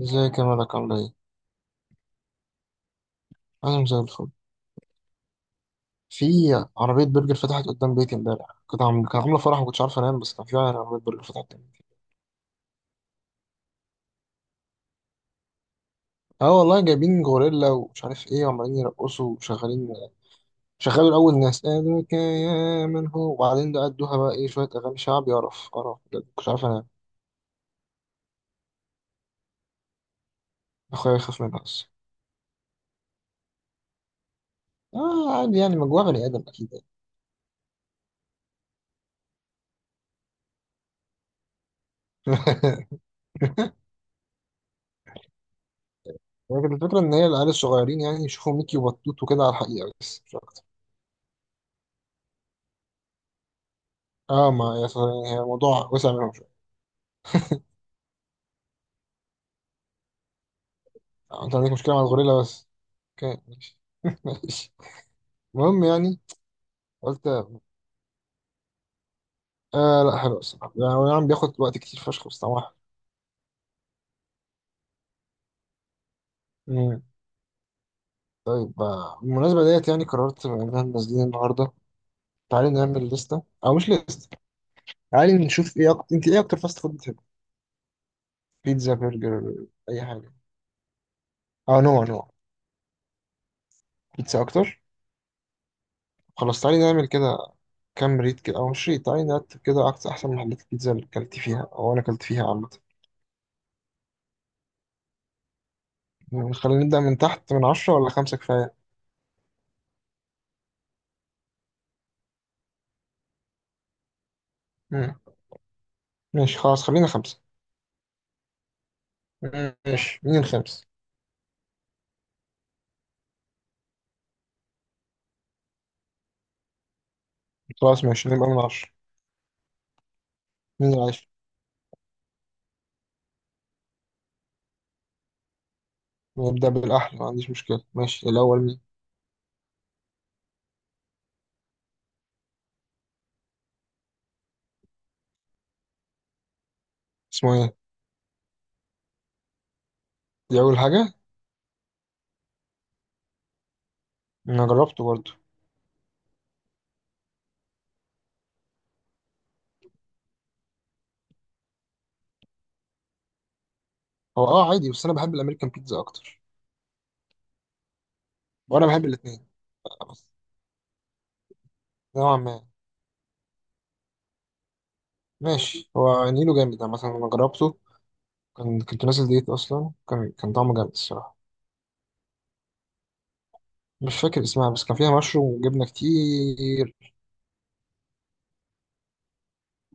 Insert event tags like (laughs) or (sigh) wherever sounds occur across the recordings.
ازيك يا ملك عاملة ايه؟ أنا زي الفل في عربية برجر فتحت قدام بيتي امبارح. كان عاملة فرح ومكنتش عارف أنام، بس كان في عربية برجر فتحت قدام بيتي. اه والله، جايبين غوريلا ومش عارف ايه وعمالين يرقصوا وشغالين. شغالوا الأول ناس قالك يا من هو، وبعدين ده أدوها بقى ايه شوية أغاني شعبي. قرف قرف بجد، مكنتش عارف أنام. أخويا يخاف منها بس. اه عادي، يعني مجموعة بني آدم أكيد يعني. (laughs) لكن الفكرة إن هي العيال الصغيرين يعني يشوفوا ميكي وبطوط وكده على الحقيقة، بس مش أكتر. اه ما يعني هي الموضوع وسع منهم. آه، انت عندك مشكلة مع الغوريلا بس. اوكي ماشي. (laughs) ماشي. المهم يعني. قلت آه لا حلو الصراحة، يعني هو نعم بياخد وقت كتير فشخ، بس طبعا. مم. طيب آه، بالمناسبة ديت يعني قررت بما اننا نازلين النهاردة. تعالي نعمل لستة او مش لستة. تعالي نشوف ايه أكتر، انت ايه اكتر فاست فود بتحب؟ بيتزا؟ برجر؟ اي حاجة. اه نوع نوع. بيتزا اكتر. خلاص تعالي نعمل كده. كام ريت كده او مش ريت، تعالي نرتب كده اكتر احسن محلات البيتزا اللي اكلت فيها او انا اكلت فيها عامة. خلينا نبدأ من تحت. من عشرة ولا خمسة كفاية؟ مم. ماشي خلاص، خلينا خمسة. ماشي مين الخامس. خلاص ماشي، نبقى من عشرة. مين العاشر؟ نبدأ بالأحلى، ما عنديش مشكلة. ماشي الأول مين؟ اسمه إيه؟ دي أول حاجة. أنا جربته برضه. هو أه عادي، بس أنا بحب الأمريكان بيتزا أكتر. وأنا بحب الاتنين، بس نوعا ما. ماشي، هو نيله جامد يعني، مثلا أنا جربته. كان كنت نازل ديت أصلا، كان طعمه جامد الصراحة. مش فاكر اسمها، بس كان فيها مشروم وجبنة كتير.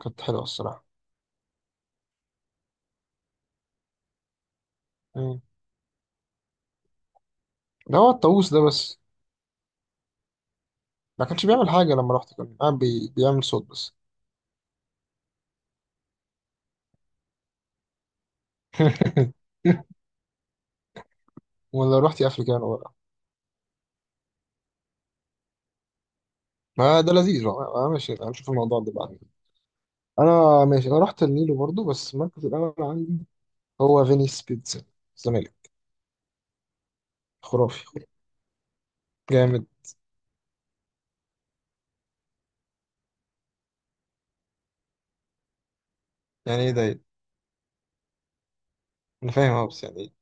كانت حلوة الصراحة. مم. ده هو الطاووس ده بس. ما كانش بيعمل حاجة لما رحت، كان قاعد بيعمل صوت بس. (laughs) ولا رحت افريكانو بقى. ما ده لذيذ بقى. آه، ماشي هنشوف الموضوع ده بعدين. انا ماشي، انا رحت النيلو برضو، بس المركز الاول عندي هو فينيس بيتزا الزمالك. خرافي خرافي. جامد. يعني ايه ده؟ انا فاهم اه، بس يعني إيه؟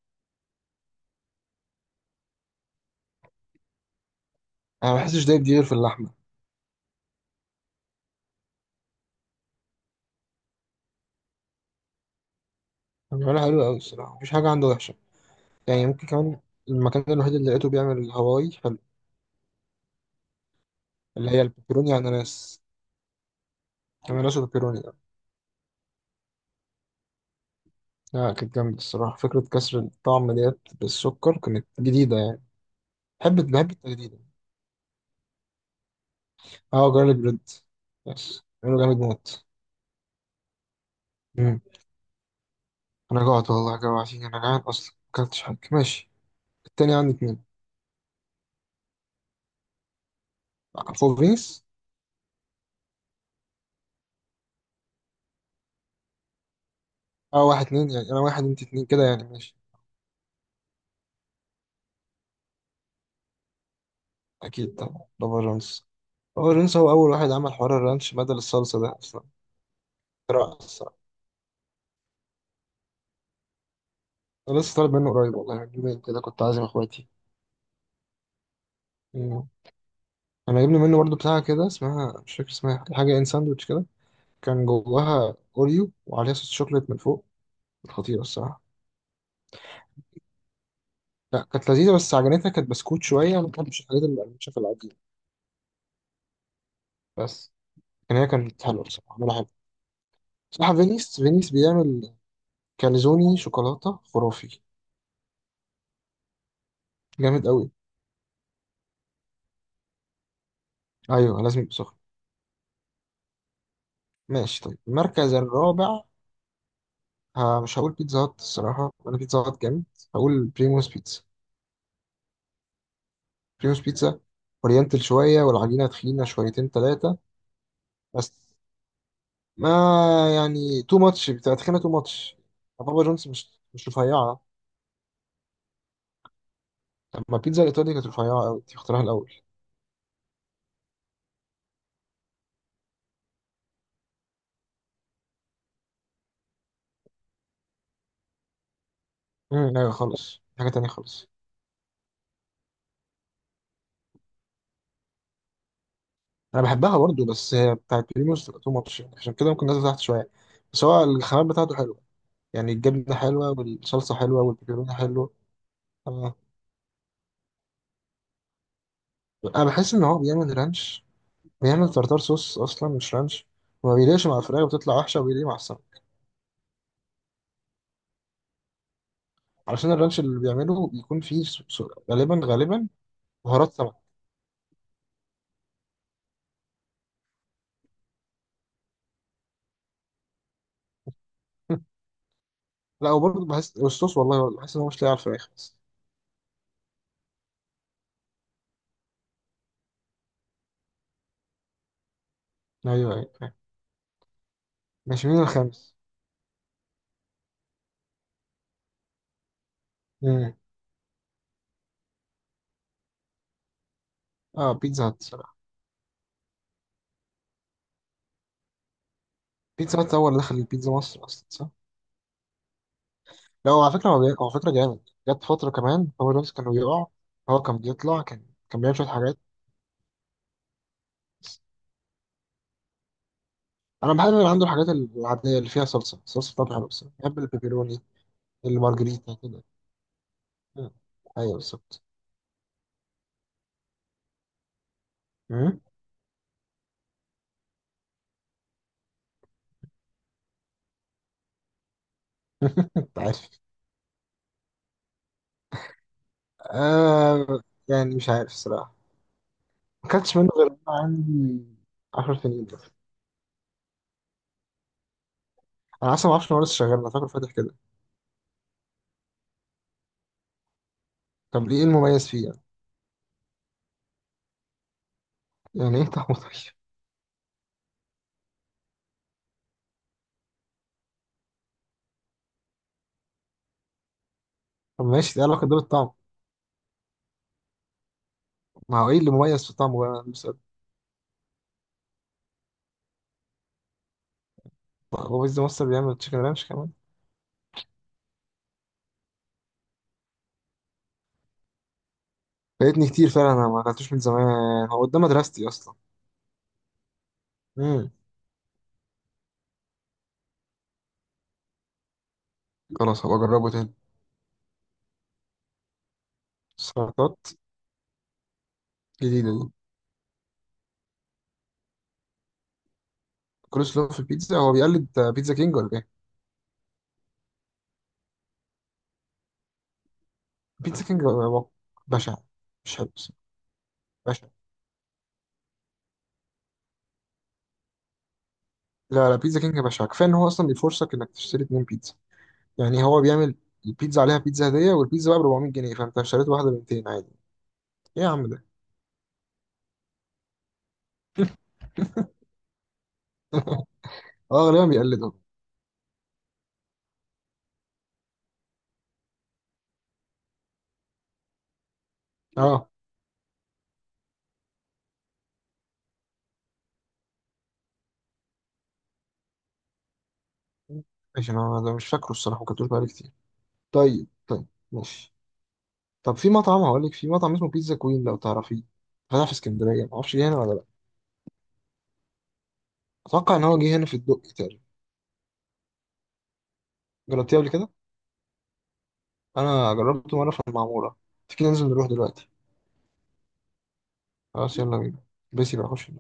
انا ما بحسش دايب، دي غير في اللحمه. هو بيعملها حلو قوي الصراحه، مفيش حاجه عنده وحشه. يعني ممكن كمان. المكان الوحيد اللي لقيته بيعمل الهواي حلو. اللي هي البيبروني اناناس. اناناس وبيبروني. لا كانت جامدة الصراحة، فكرة كسر الطعم ديت بالسكر كانت جديدة يعني. بحب التجديد. اه جارليك بريد. بس عمله جامد موت. مم. أنا جوعت والله، جوعتني، أنا جعان أصلا مكلتش حاجة. ماشي، التاني عندي اتنين. فور رينجز. اه واحد اتنين يعني، أنا واحد أنت اتنين كده يعني. ماشي أكيد طبعا، بابا جونز. بابا جونز هو أول واحد عمل حوار الرانش بدل الصلصة ده أصلا. رائع الصراحة. أنا لسه طالب منه قريب والله، من يومين كده كنت عازم إخواتي. مم. أنا جبنا منه برضه بتاعة كده، اسمها مش فاكر اسمها، حاجة إن ساندوتش كده. كان جواها اوريو وعليها صوص شوكليت من فوق. خطيره الصراحه. لا كانت لذيذه، بس عجنتها كانت بسكوت شويه، ما بحبش الحاجات المقرمشه في العجين. بس كان هي كانت حلوه بصراحه، عملها حلو. بصراحه فينيس، فينيس بيعمل كاليزوني شوكولاته خرافي. جامد قوي. ايوه لازم يبقى سخن. ماشي طيب، المركز الرابع. ها، مش هقول بيتزا هات الصراحه، انا بيتزا هات جامد. هقول بريموس بيتزا. بريموس بيتزا اورينتال شويه، والعجينه تخينه شويتين ثلاثه. بس ما يعني تو ماتش، بتاعت خينا تو ماتش. بابا جونز مش، مش رفيعة. لما البيتزا الإيطالي كانت رفيعة أوي، دي اختراعها الأول. أيوة خالص، دي حاجة تانية خالص. أنا بحبها برضو، بس هي بتاعت بريموس تبقى تو ماتش يعني، عشان كده ممكن نازل تحت شوية. بس هو الخامات بتاعته حلوة، يعني الجبنة حلوة والصلصة حلوة والبيبروني حلو. أنا أنا بحس إن هو بيعمل رانش، بيعمل تارتار صوص أصلا مش رانش. وما بيليقش مع الفراخ، بتطلع وحشة، وبيليق مع السمك. علشان الرانش اللي بيعمله بيكون فيه غالبا بهارات سمك. لا وبرضه بحس أسطوس والله، بحس إن هو مش لاقي على الفراخ بس. أيوه، فاهم. ماشي مين الخامس؟ مم. آه بيتزا هات الصراحة. بيتزا هات هو اللي دخل البيتزا مصر أصلا صح؟ لا هو على فكرة هو، هو على فكرة جامد. جت فترة كمان هو نفسه كان بيقع. هو كان بيطلع، كان بيعمل شوية حاجات. بس أنا بحب اللي عنده الحاجات العادية اللي فيها صلصة، الصلصة بتاعته حلوة، بس بحب البيبروني. المارجريتا كده. مم. أيوه بالظبط. مم. (laughs) أنت عارف؟ آه، يعني مش عارف الصراحة. ما أكلتش منه غير وأنا عندي 10 سنين. انا اصلا ما اعرفش ان هو لسه شغال، انا فاكره فاتح كده. طب ليه، ايه المميز فيه يعني؟ يعني ايه طعمه (laughs) طيب؟ طب ماشي، دي علاقه دور الطعم. ما هو ايه اللي مميز في طعمه بقى، أنا بسأل. هو بيز مصر بيعمل تشيكن رانش كمان. فايتني كتير فعلا، انا ما اكلتوش من زمان. هو قدام مدرستي اصلا. امم. خلاص هبقى اجربه تاني. سلطات؟ جديده دي. كول سلو في البيتزا؟ هو بيقلد بيتزا كينج ولا ايه؟ بيتزا كينج هو بشع. مش حلو بس. بشع. لا لا، بيتزا كينج بشع. كفايه ان هو اصلا بيفرصك انك تشتري اتنين بيتزا. يعني هو بيعمل البيتزا عليها بيتزا هدية، والبيتزا بقى ب 400 جنيه، فأنت اشتريت واحدة ب 200 عادي. إيه يا عم ده؟ أه غالبا بيقلدهم. أه ماشي. أنا مش فاكره الصراحة، ما كنتوش بقالي كتير. طيب طيب. ماشي. طب في مطعم، هقول لك في مطعم اسمه بيتزا كوين لو تعرفيه. فتح في اسكندرية، معرفش جه هنا ولا لأ. أتوقع إن هو جه هنا في الدقي تقريبا. جربتيه قبل كده؟ أنا جربته مرة في المعمورة. تيجي ننزل نروح دلوقتي؟ خلاص يلا بينا. بس يبقى خش.